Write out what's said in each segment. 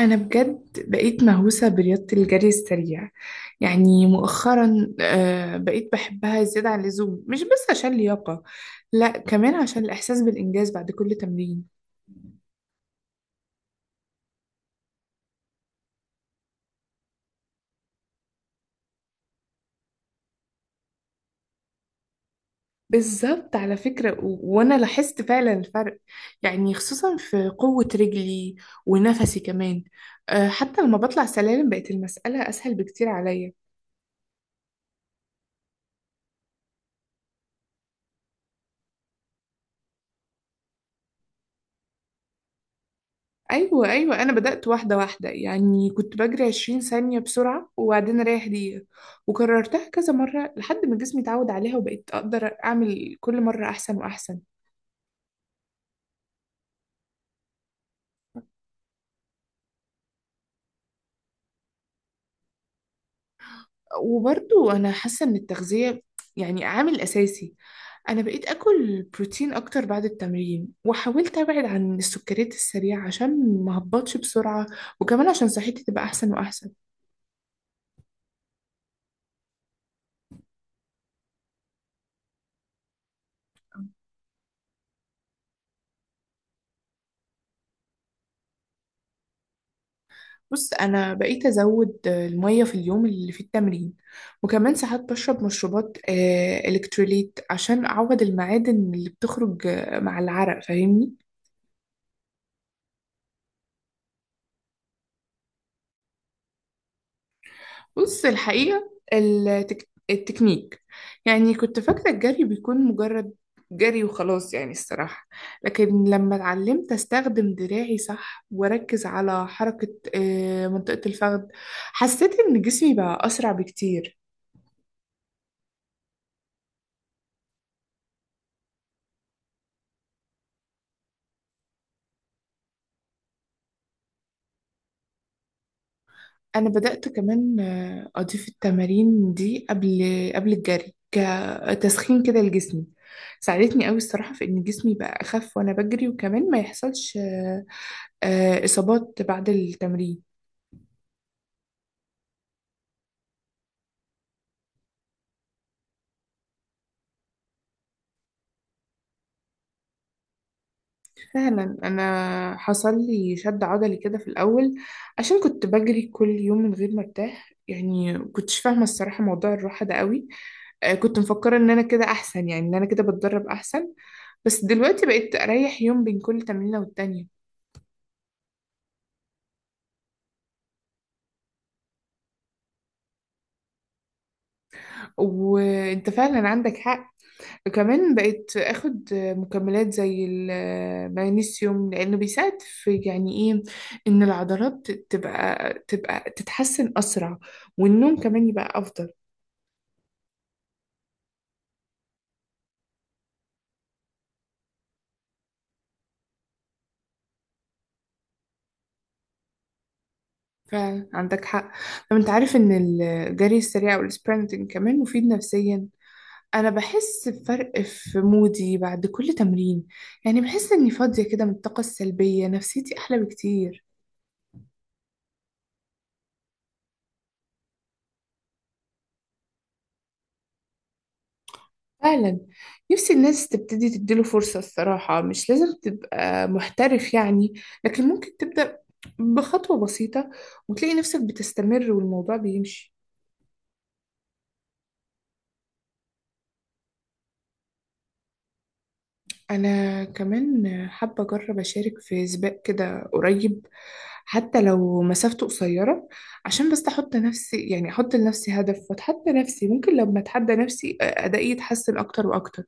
أنا بجد بقيت مهووسة برياضة الجري السريع. يعني مؤخرا بقيت بحبها زيادة عن اللزوم، مش بس عشان لياقة، لا، كمان عشان الإحساس بالإنجاز بعد كل تمرين. بالظبط على فكرة، و... وأنا لاحظت فعلا الفرق، يعني خصوصا في قوة رجلي ونفسي كمان. حتى لما بطلع سلالم بقت المسألة أسهل بكتير عليا. ايوه انا بدأت واحده واحده، يعني كنت بجري 20 ثانيه بسرعه وبعدين اريح دقيقه، وكررتها كذا مره لحد ما جسمي اتعود عليها وبقيت اقدر اعمل كل مره احسن واحسن. وبرضو انا حاسه ان التغذيه يعني عامل اساسي. انا بقيت اكل بروتين اكتر بعد التمرين وحاولت ابعد عن السكريات السريعه عشان ما هبطش بسرعه، وكمان عشان صحتي تبقى احسن واحسن. بص، انا بقيت ازود الميه في اليوم اللي في التمرين، وكمان ساعات بشرب مشروبات الكتروليت عشان اعوض المعادن اللي بتخرج مع العرق، فاهمني؟ بص، الحقيقه التكنيك، يعني كنت فاكره الجري بيكون مجرد جري وخلاص يعني الصراحه، لكن لما اتعلمت استخدم دراعي صح واركز على حركه منطقه الفخذ، حسيت ان جسمي بقى اسرع بكتير. انا بدأت كمان اضيف التمارين دي قبل الجري كتسخين كده لجسمي. ساعدتني قوي الصراحة في ان جسمي بقى اخف وانا بجري، وكمان ما يحصلش اصابات بعد التمرين. فعلا، انا حصل لي شد عضلي كده في الاول عشان كنت بجري كل يوم من غير ما ارتاح، يعني كنتش فاهمة الصراحة موضوع الراحة ده قوي. كنت مفكرة ان انا كده احسن، يعني ان انا كده بتدرب احسن، بس دلوقتي بقيت اريح يوم بين كل تمرينة والتانية. وانت فعلا عندك حق، كمان بقيت اخد مكملات زي المغنيسيوم لانه بيساعد في يعني ايه، ان العضلات تبقى تتحسن اسرع والنوم كمان يبقى افضل. فعلا عندك حق. طب انت عارف ان الجري السريع والسبرنتنج كمان مفيد نفسيا؟ انا بحس بفرق في مودي بعد كل تمرين، يعني بحس اني فاضية كده من الطاقة السلبية، نفسيتي احلى بكتير. فعلا، نفسي الناس تبتدي تديله فرصة الصراحة، مش لازم تبقى محترف يعني، لكن ممكن تبدأ بخطوة بسيطة وتلاقي نفسك بتستمر والموضوع بيمشي. أنا كمان حابة أجرب أشارك في سباق كده قريب، حتى لو مسافته قصيرة، عشان بس أحط نفسي، يعني أحط لنفسي هدف وأتحدى نفسي، ممكن لما أتحدى نفسي أدائي يتحسن أكتر وأكتر.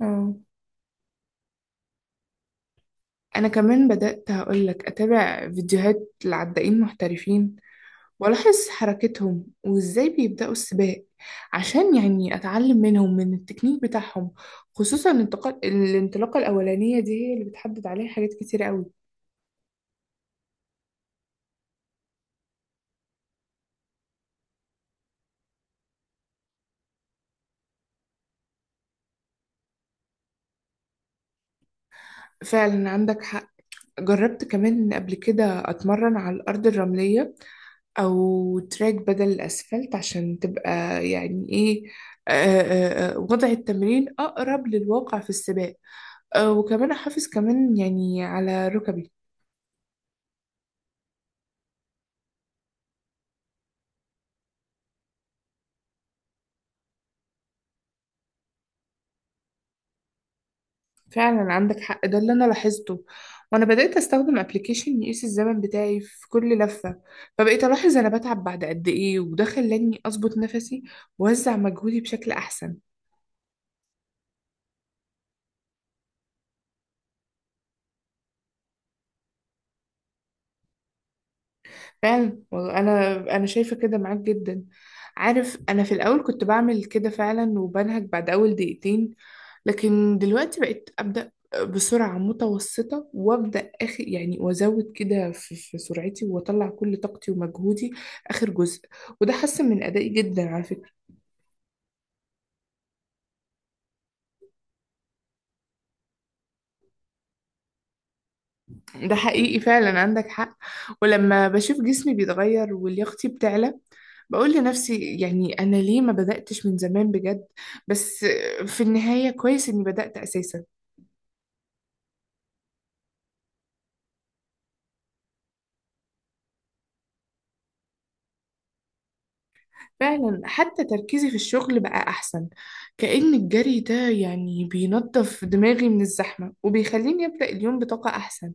اه. أنا كمان بدأت هقولك أتابع فيديوهات لعدائين محترفين وألاحظ حركتهم وإزاي بيبدأوا السباق، عشان يعني أتعلم منهم من التكنيك بتاعهم، خصوصا الانتقال، الانطلاقة الأولانية دي هي اللي بتحدد عليها حاجات كتير قوي. فعلا عندك حق. جربت كمان قبل كده أتمرن على الأرض الرملية أو تراك بدل الأسفلت عشان تبقى يعني إيه، آه، وضع التمرين أقرب للواقع في السباق، وكمان أحافظ كمان يعني على ركبي. فعلا عندك حق، ده اللي انا لاحظته. وانا بدأت استخدم ابلكيشن يقيس الزمن بتاعي في كل لفة، فبقيت الاحظ انا بتعب بعد قد ايه، وده خلاني اظبط نفسي واوزع مجهودي بشكل احسن. فعلا والله، انا شايفه كده معاك جدا. عارف، انا في الاول كنت بعمل كده فعلا وبنهج بعد اول دقيقتين، لكن دلوقتي بقيت ابدا بسرعه متوسطه، وابدا اخر يعني وازود كده في سرعتي واطلع كل طاقتي ومجهودي اخر جزء، وده حسن من ادائي جدا على فكره. ده حقيقي، فعلا عندك حق. ولما بشوف جسمي بيتغير ولياقتي بتعلى، بقول لنفسي يعني أنا ليه ما بدأتش من زمان بجد؟ بس في النهاية كويس إني بدأت أساسا. فعلا، حتى تركيزي في الشغل بقى أحسن، كأن الجري ده يعني بينظف دماغي من الزحمة وبيخليني أبدأ اليوم بطاقة أحسن.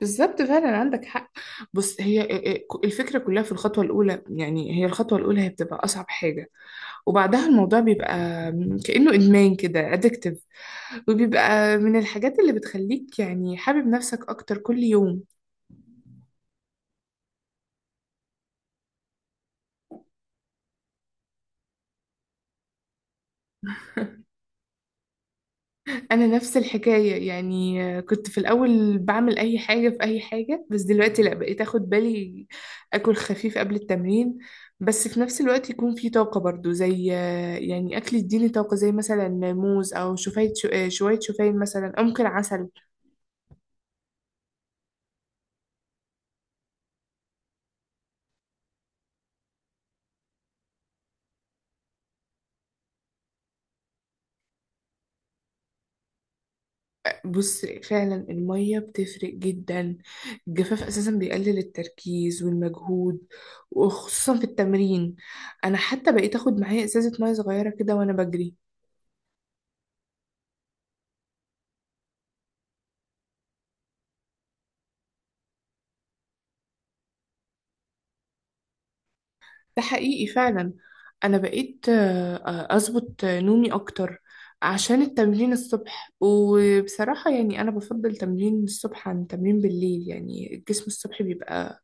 بالظبط، فعلا عندك حق. بص، هي الفكرة كلها في الخطوة الأولى، يعني هي الخطوة الأولى هي بتبقى أصعب حاجة، وبعدها الموضوع بيبقى كأنه إدمان كده addictive، وبيبقى من الحاجات اللي بتخليك يعني حابب نفسك أكتر كل يوم. أنا نفس الحكاية، يعني كنت في الأول بعمل أي حاجة في أي حاجة، بس دلوقتي لأ، بقيت أخد بالي. أكل خفيف قبل التمرين بس في نفس الوقت يكون في طاقة برضو، زي يعني أكل يديني طاقة زي مثلا موز أو شوفان، شوية شوفان مثلا، أو ممكن عسل. بص، فعلا المية بتفرق جدا، الجفاف أساسا بيقلل التركيز والمجهود، وخصوصا في التمرين. أنا حتى بقيت أخد معايا إزازة مية صغيرة كده وأنا بجري. ده حقيقي فعلا. أنا بقيت أظبط نومي أكتر عشان التمرين الصبح. وبصراحة يعني أنا بفضل تمرين الصبح عن تمرين بالليل، يعني الجسم الصبح بيبقى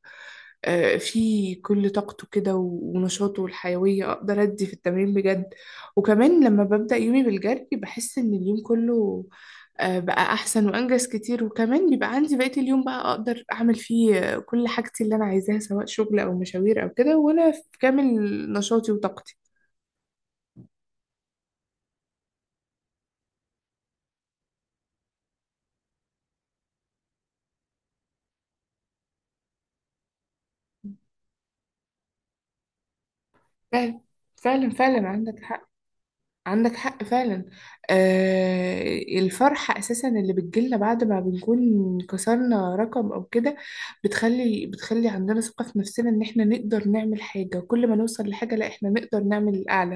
فيه كل طاقته كده و- ونشاطه والحيوية، أقدر أدي في التمرين بجد. وكمان لما ببدأ يومي بالجري بحس إن اليوم كله بقى أحسن وأنجز كتير، وكمان بيبقى عندي بقية اليوم بقى أقدر أعمل فيه كل حاجتي اللي أنا عايزاها، سواء شغل أو مشاوير أو كده، وأنا في كامل نشاطي وطاقتي. فعلا فعلا عندك حق. عندك حق فعلا. آه، الفرحة أساسا اللي بتجيلنا بعد ما بنكون كسرنا رقم أو كده بتخلي عندنا ثقة في نفسنا إن إحنا نقدر نعمل حاجة، وكل ما نوصل لحاجة لا إحنا نقدر نعمل الأعلى.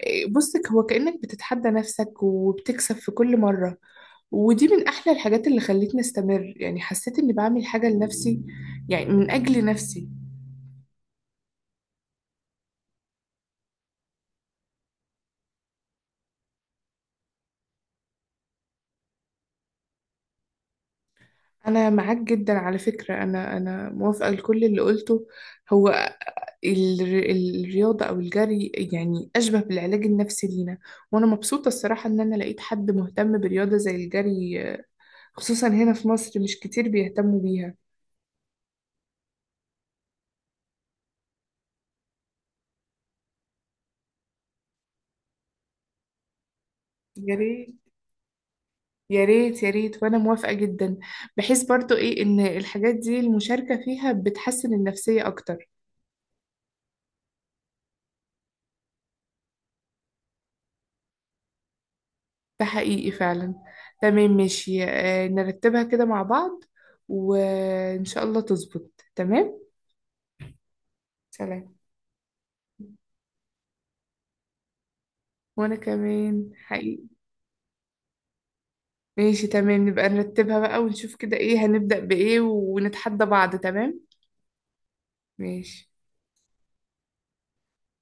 بصك، هو كأنك بتتحدى نفسك وبتكسب في كل مرة، ودي من أحلى الحاجات اللي خلتني أستمر، يعني حسيت إني بعمل حاجة لنفسي، يعني من أجل نفسي. انا معاك جدا على فكرة، انا موافقة لكل اللي قلته. هو ال- الرياضة او الجري يعني اشبه بالعلاج النفسي لينا، وانا مبسوطة الصراحة ان انا لقيت حد مهتم برياضة زي الجري، خصوصا هنا في مصر مش كتير بيهتموا بيها. يا ريت يا ريت يا ريت، وانا موافقة جدا، بحيث برضو ايه ان الحاجات دي المشاركة فيها بتحسن النفسية اكتر. ده حقيقي فعلا. تمام، ماشي، نرتبها كده مع بعض وإن شاء الله تظبط تمام. سلام. وأنا كمان حقيقي. ماشي تمام، نبقى نرتبها بقى ونشوف كده إيه هنبدأ بإيه، ونتحدى بعض. تمام. ماشي.